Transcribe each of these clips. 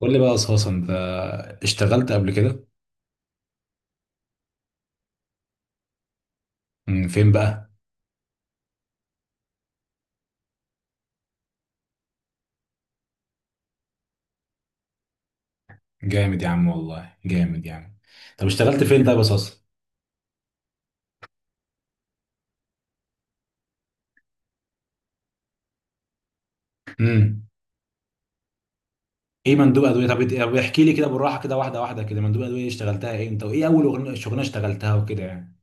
قول لي بقى أساسا أنت اشتغلت قبل كده؟ مم، فين بقى؟ جامد يا عم، والله جامد يا عم. طب اشتغلت فين طيب أساسا؟ امم. إيه مندوب أدوية؟ طب طب احكي لي كده بالراحة كده واحدة واحدة كده. مندوب أدوية اشتغلتها إيه أنت؟ وإيه أول شغلانة اشتغلتها وكده يعني؟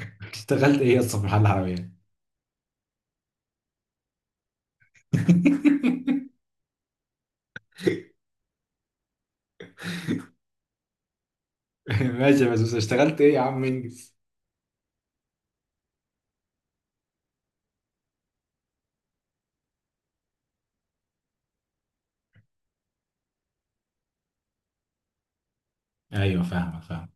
اشتغلت إيه يا اسطى في محل العربية؟ ماشي. بس اشتغلت إيه يا عم إنجز؟ أيوه فاهمك، فاهم.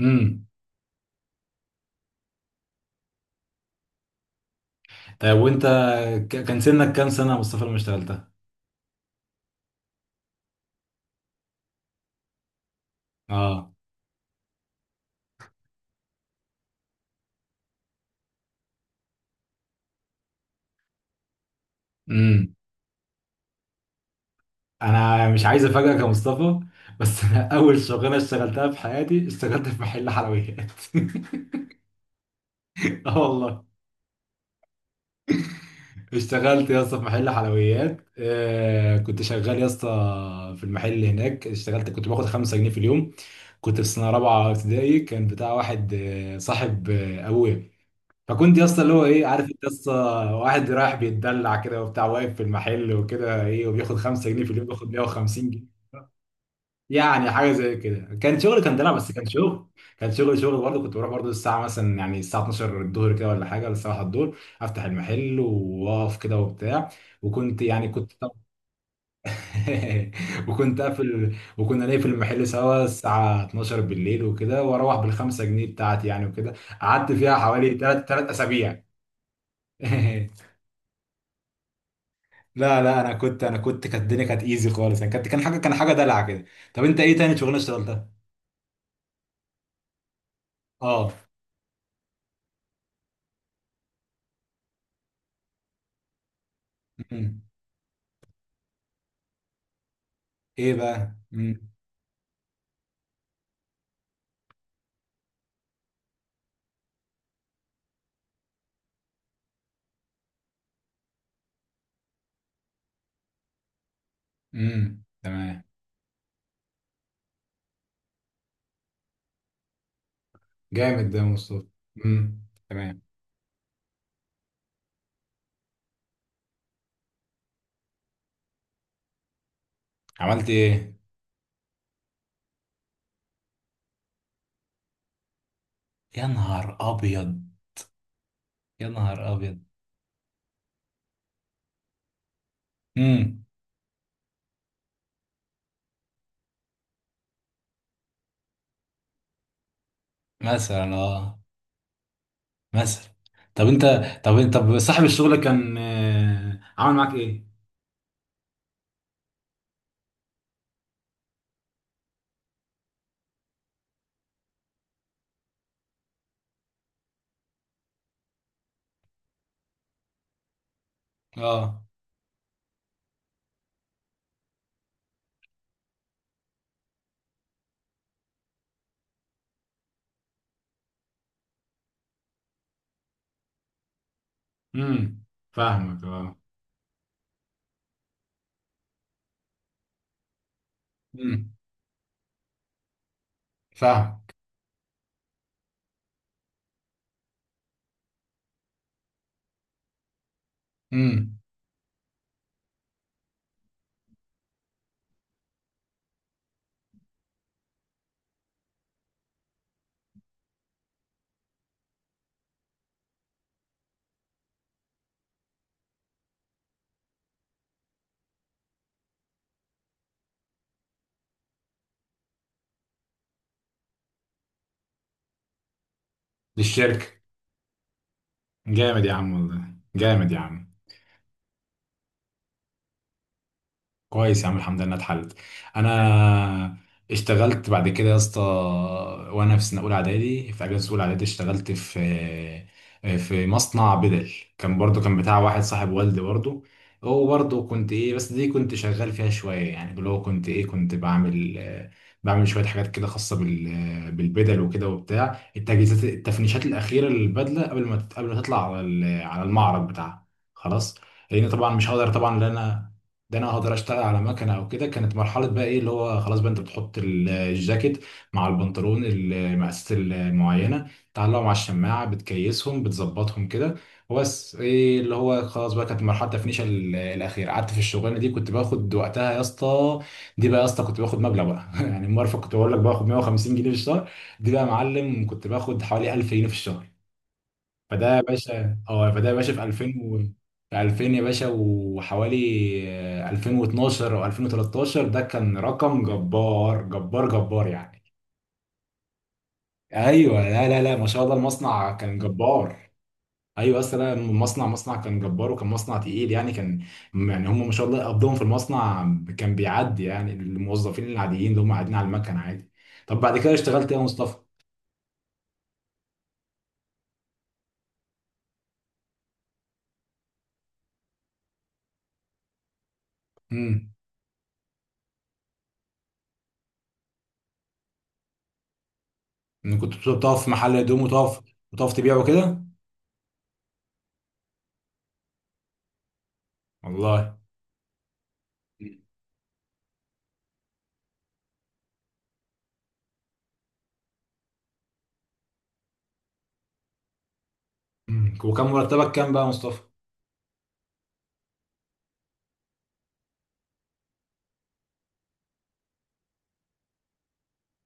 امم. طيب وأنت كان سنك كام سنة يا مصطفى لما اشتغلتها؟ أه. انا مش عايز افاجئك يا مصطفى، بس انا اول شغلانه اشتغلتها في حياتي اشتغلت في محل حلويات. اه والله. اشتغلت يا اسطى في محل حلويات، كنت شغال يا اسطى في المحل هناك. اشتغلت كنت باخد 5 جنيه في اليوم، كنت في سنه رابعه ابتدائي. كان بتاع واحد، صاحب ابويا. فكنت يا اسطى اللي هو ايه، عارف انت يا اسطى، واحد رايح بيتدلع كده وبتاع، واقف في المحل وكده، ايه، وبياخد 5 جنيه في اليوم، بياخد 150 جنيه. يعني حاجه زي كده، كان شغل كان دلع، بس كان شغل. كان شغل شغل برضه. كنت بروح برضه الساعه مثلا، يعني الساعه 12 الظهر كده، ولا حاجه، ولا الساعه 1 الظهر، افتح المحل، واقف كده وبتاع. وكنت يعني كنت وكنت قافل، وكنا نقفل المحل سوا الساعه 12 بالليل وكده، واروح بالخمسة جنيه بتاعتي يعني وكده. قعدت فيها حوالي ثلاث اسابيع. لا لا، انا كنت، كانت الدنيا كانت ايزي خالص يعني، كانت، كان حاجه دلع كده. طب انت ايه تاني شغلانه اشتغلتها؟ اه. ايه بقى؟ امم. امم، تمام. جامد ده يا مصطفى. امم، تمام. عملت ايه؟ يا نهار ابيض. يا نهار ابيض. امم. مثلا، اه. مثلا. طب انت، طب صاحب الشغل كان عامل معاك ايه؟ اه. امم، فاهمك، اه. امم. فاهمك. امم. للشركة. جامد يا عم، والله جامد يا عم. كويس يا عم، الحمد لله إنها اتحلت. انا اشتغلت بعد كده يا اسطى، وانا في سنه اولى اعدادي، في اجازه اولى اعدادي اشتغلت في في مصنع بدل. كان برضو كان بتاع واحد صاحب والدي برضو. هو برضو كنت ايه، بس دي كنت شغال فيها شويه يعني. اللي هو كنت ايه، كنت بعمل، بعمل شويه حاجات كده خاصه بال، بالبدل وكده وبتاع، التجهيزات، التفنيشات الاخيره للبدله قبل ما قبل ما تطلع على على المعرض بتاعها. خلاص. لان طبعا مش هقدر طبعا ان انا، ده انا اقدر اشتغل على مكنه او كده. كانت مرحله بقى ايه اللي هو خلاص بقى، انت بتحط الجاكيت مع البنطلون، المقاسات المعينه، تعلقهم على الشماعه، بتكيسهم، بتظبطهم كده، وبس. ايه اللي هو خلاص بقى، كانت مرحله تفنيش الاخير. قعدت في الشغلانه دي كنت باخد وقتها يا اسطى، دي بقى يا اسطى، كنت باخد مبلغ بقى يعني المرفق كنت بقول لك باخد 150 جنيه في الشهر، دي بقى يا معلم كنت باخد حوالي 1000 جنيه في الشهر. فده يا باشا، اه فده يا باشا في 2000 و... في 2000 يا باشا وحوالي، 2012 او 2013. ده كان رقم جبار جبار جبار يعني. ايوه. لا لا لا، ما شاء الله المصنع كان جبار. ايوه، اصل أنا المصنع، مصنع كان جبار، وكان مصنع تقيل يعني، كان يعني هم ما شاء الله قبضهم في المصنع، كان بيعدي يعني الموظفين العاديين اللي هم قاعدين على المكن عادي. طب بعد كده اشتغلت ايه يا مصطفى؟ امم. كنت بتقف في محل هدوم، وتقف؟ وتقف تبيعه كده؟ والله. مم. وكان مرتبك كام بقى يا مصطفى؟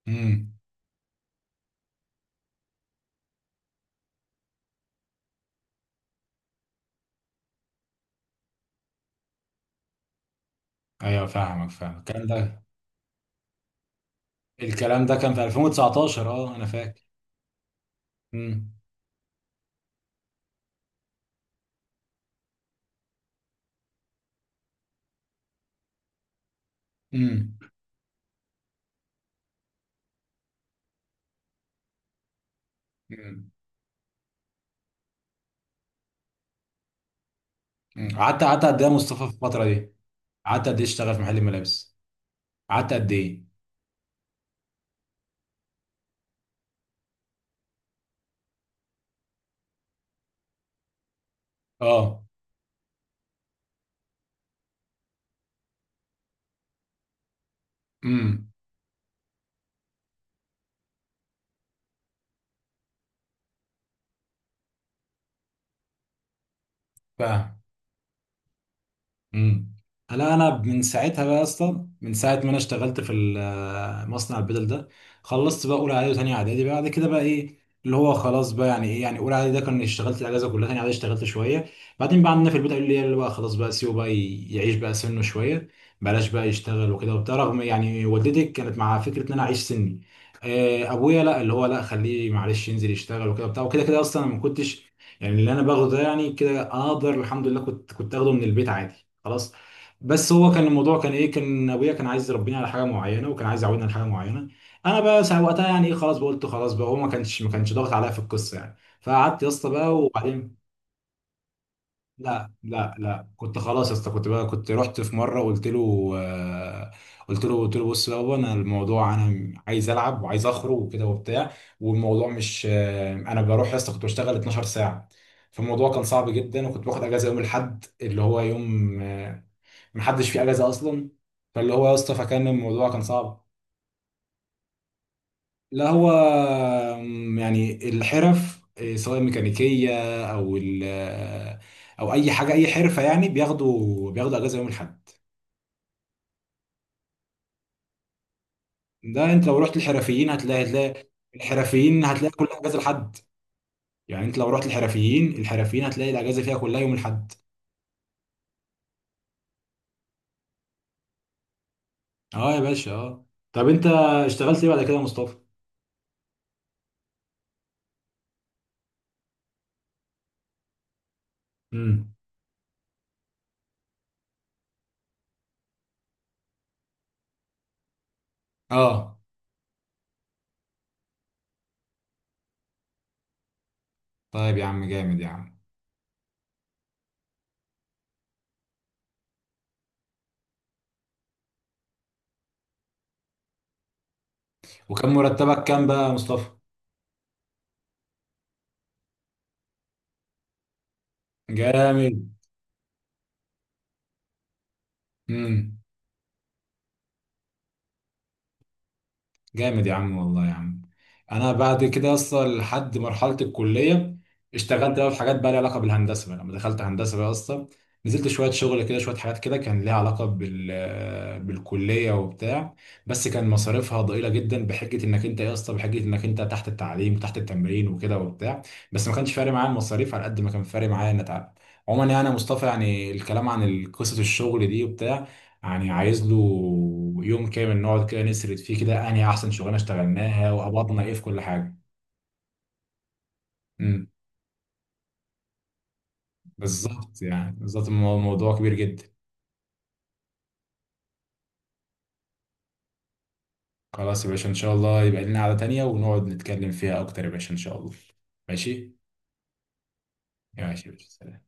امم. ايوه فاهمك، فاهم الكلام ده. الكلام ده كان في 2019 اه، انا فاكر. امم. امم. امم. أمم. قعدت، قعدت قد ايه يا مصطفى في الفترة دي؟ قعدت قد ايه اشتغل في محل الملابس؟ قعدت قد ايه؟ اه. امم. فاهم. امم. هلا انا من ساعتها بقى يا اسطى، من ساعه ما انا اشتغلت في مصنع البدل ده، خلصت بقى اولى اعدادي وثانيه اعدادي. بعد كده بقى ايه اللي هو خلاص بقى، يعني ايه يعني، اولى اعدادي ده كان اشتغلت الاجازه كلها، ثانيه اعدادي اشتغلت شويه. بعدين بقى عندنا في البيت قالوا لي يلا بقى خلاص بقى سيبه بقى يعيش بقى سنه شويه، بلاش بقى يشتغل وكده وبتاع، رغم يعني والدتي كانت مع فكره ان انا اعيش سني. ابويا لا، اللي هو لا خليه معلش ينزل يشتغل وكده وبتاع وكده كده، اصلا انا ما كنتش يعني اللي انا باخده ده، يعني كده انا اقدر الحمد لله، كنت كنت اخده من البيت عادي. خلاص. بس هو كان الموضوع كان ايه، كان ابويا كان عايز يربيني على حاجه معينه، وكان عايز يعودني على حاجه معينه. انا بقى ساعة وقتها يعني ايه، خلاص بقى قلت خلاص بقى، هو ما كانش ضاغط عليا في القصه يعني، فقعدت يا اسطى بقى وبعدين. لا لا لا، كنت خلاص يا اسطى، كنت بقى كنت رحت في مره قلت له، قلت له، بص بقى بابا، انا الموضوع، انا عايز العب وعايز اخرج وكده وبتاع، والموضوع مش، انا بروح يا اسطى كنت بشتغل 12 ساعه. فالموضوع كان صعب جدا، وكنت باخد اجازه يوم الاحد، اللي هو يوم، محدش فيه اجازه اصلا. فاللي هو يا اسطى، فكان الموضوع كان صعب. لا، هو يعني الحرف إيه، سواء ميكانيكيه او ال، او اي حاجه اي حرفه يعني، بياخدوا اجازه يوم الاحد. ده انت لو رحت الحرفيين هتلاقي، الحرفيين هتلاقي كلها اجازه، لحد يعني انت لو رحت الحرفيين، الحرفيين هتلاقي الاجازه فيها كلها يوم الاحد. اه يا باشا، اه. طب انت اشتغلت ايه بعد كده يا مصطفى؟ امم. اه. طيب يا عم، جامد يا عم. وكان مرتبك كام بقى يا مصطفى؟ جامد. امم. جامد يا عم، والله يا عم. انا بعد كده اصلا لحد مرحله الكليه، اشتغلت بقى في حاجات بقى لها علاقه بالهندسه بقى، لما دخلت هندسه بقى اصلا نزلت شويه شغل كده، شويه حاجات كده كان ليها علاقه بال بالكليه وبتاع. بس كان مصاريفها ضئيله جدا، بحجه انك انت إيه يا اسطى، بحجه انك انت تحت التعليم تحت التمرين وكده وبتاع. بس ما كانش فارق معايا المصاريف على قد ما كان فارق معايا ان اتعب. عموما يعني يا مصطفى، يعني الكلام عن قصه الشغل دي وبتاع، يعني عايز له يوم كامل نقعد كده نسرد فيه كده انهي احسن شغلانه اشتغلناها وقبضنا ايه في كل حاجه. امم. بالظبط يعني، بالظبط الموضوع كبير جدا. خلاص يا باشا، ان شاء الله يبقى لنا قعده تانية ونقعد نتكلم فيها اكتر يا باشا، ان شاء الله. ماشي. ماشي يا باشا، سلام.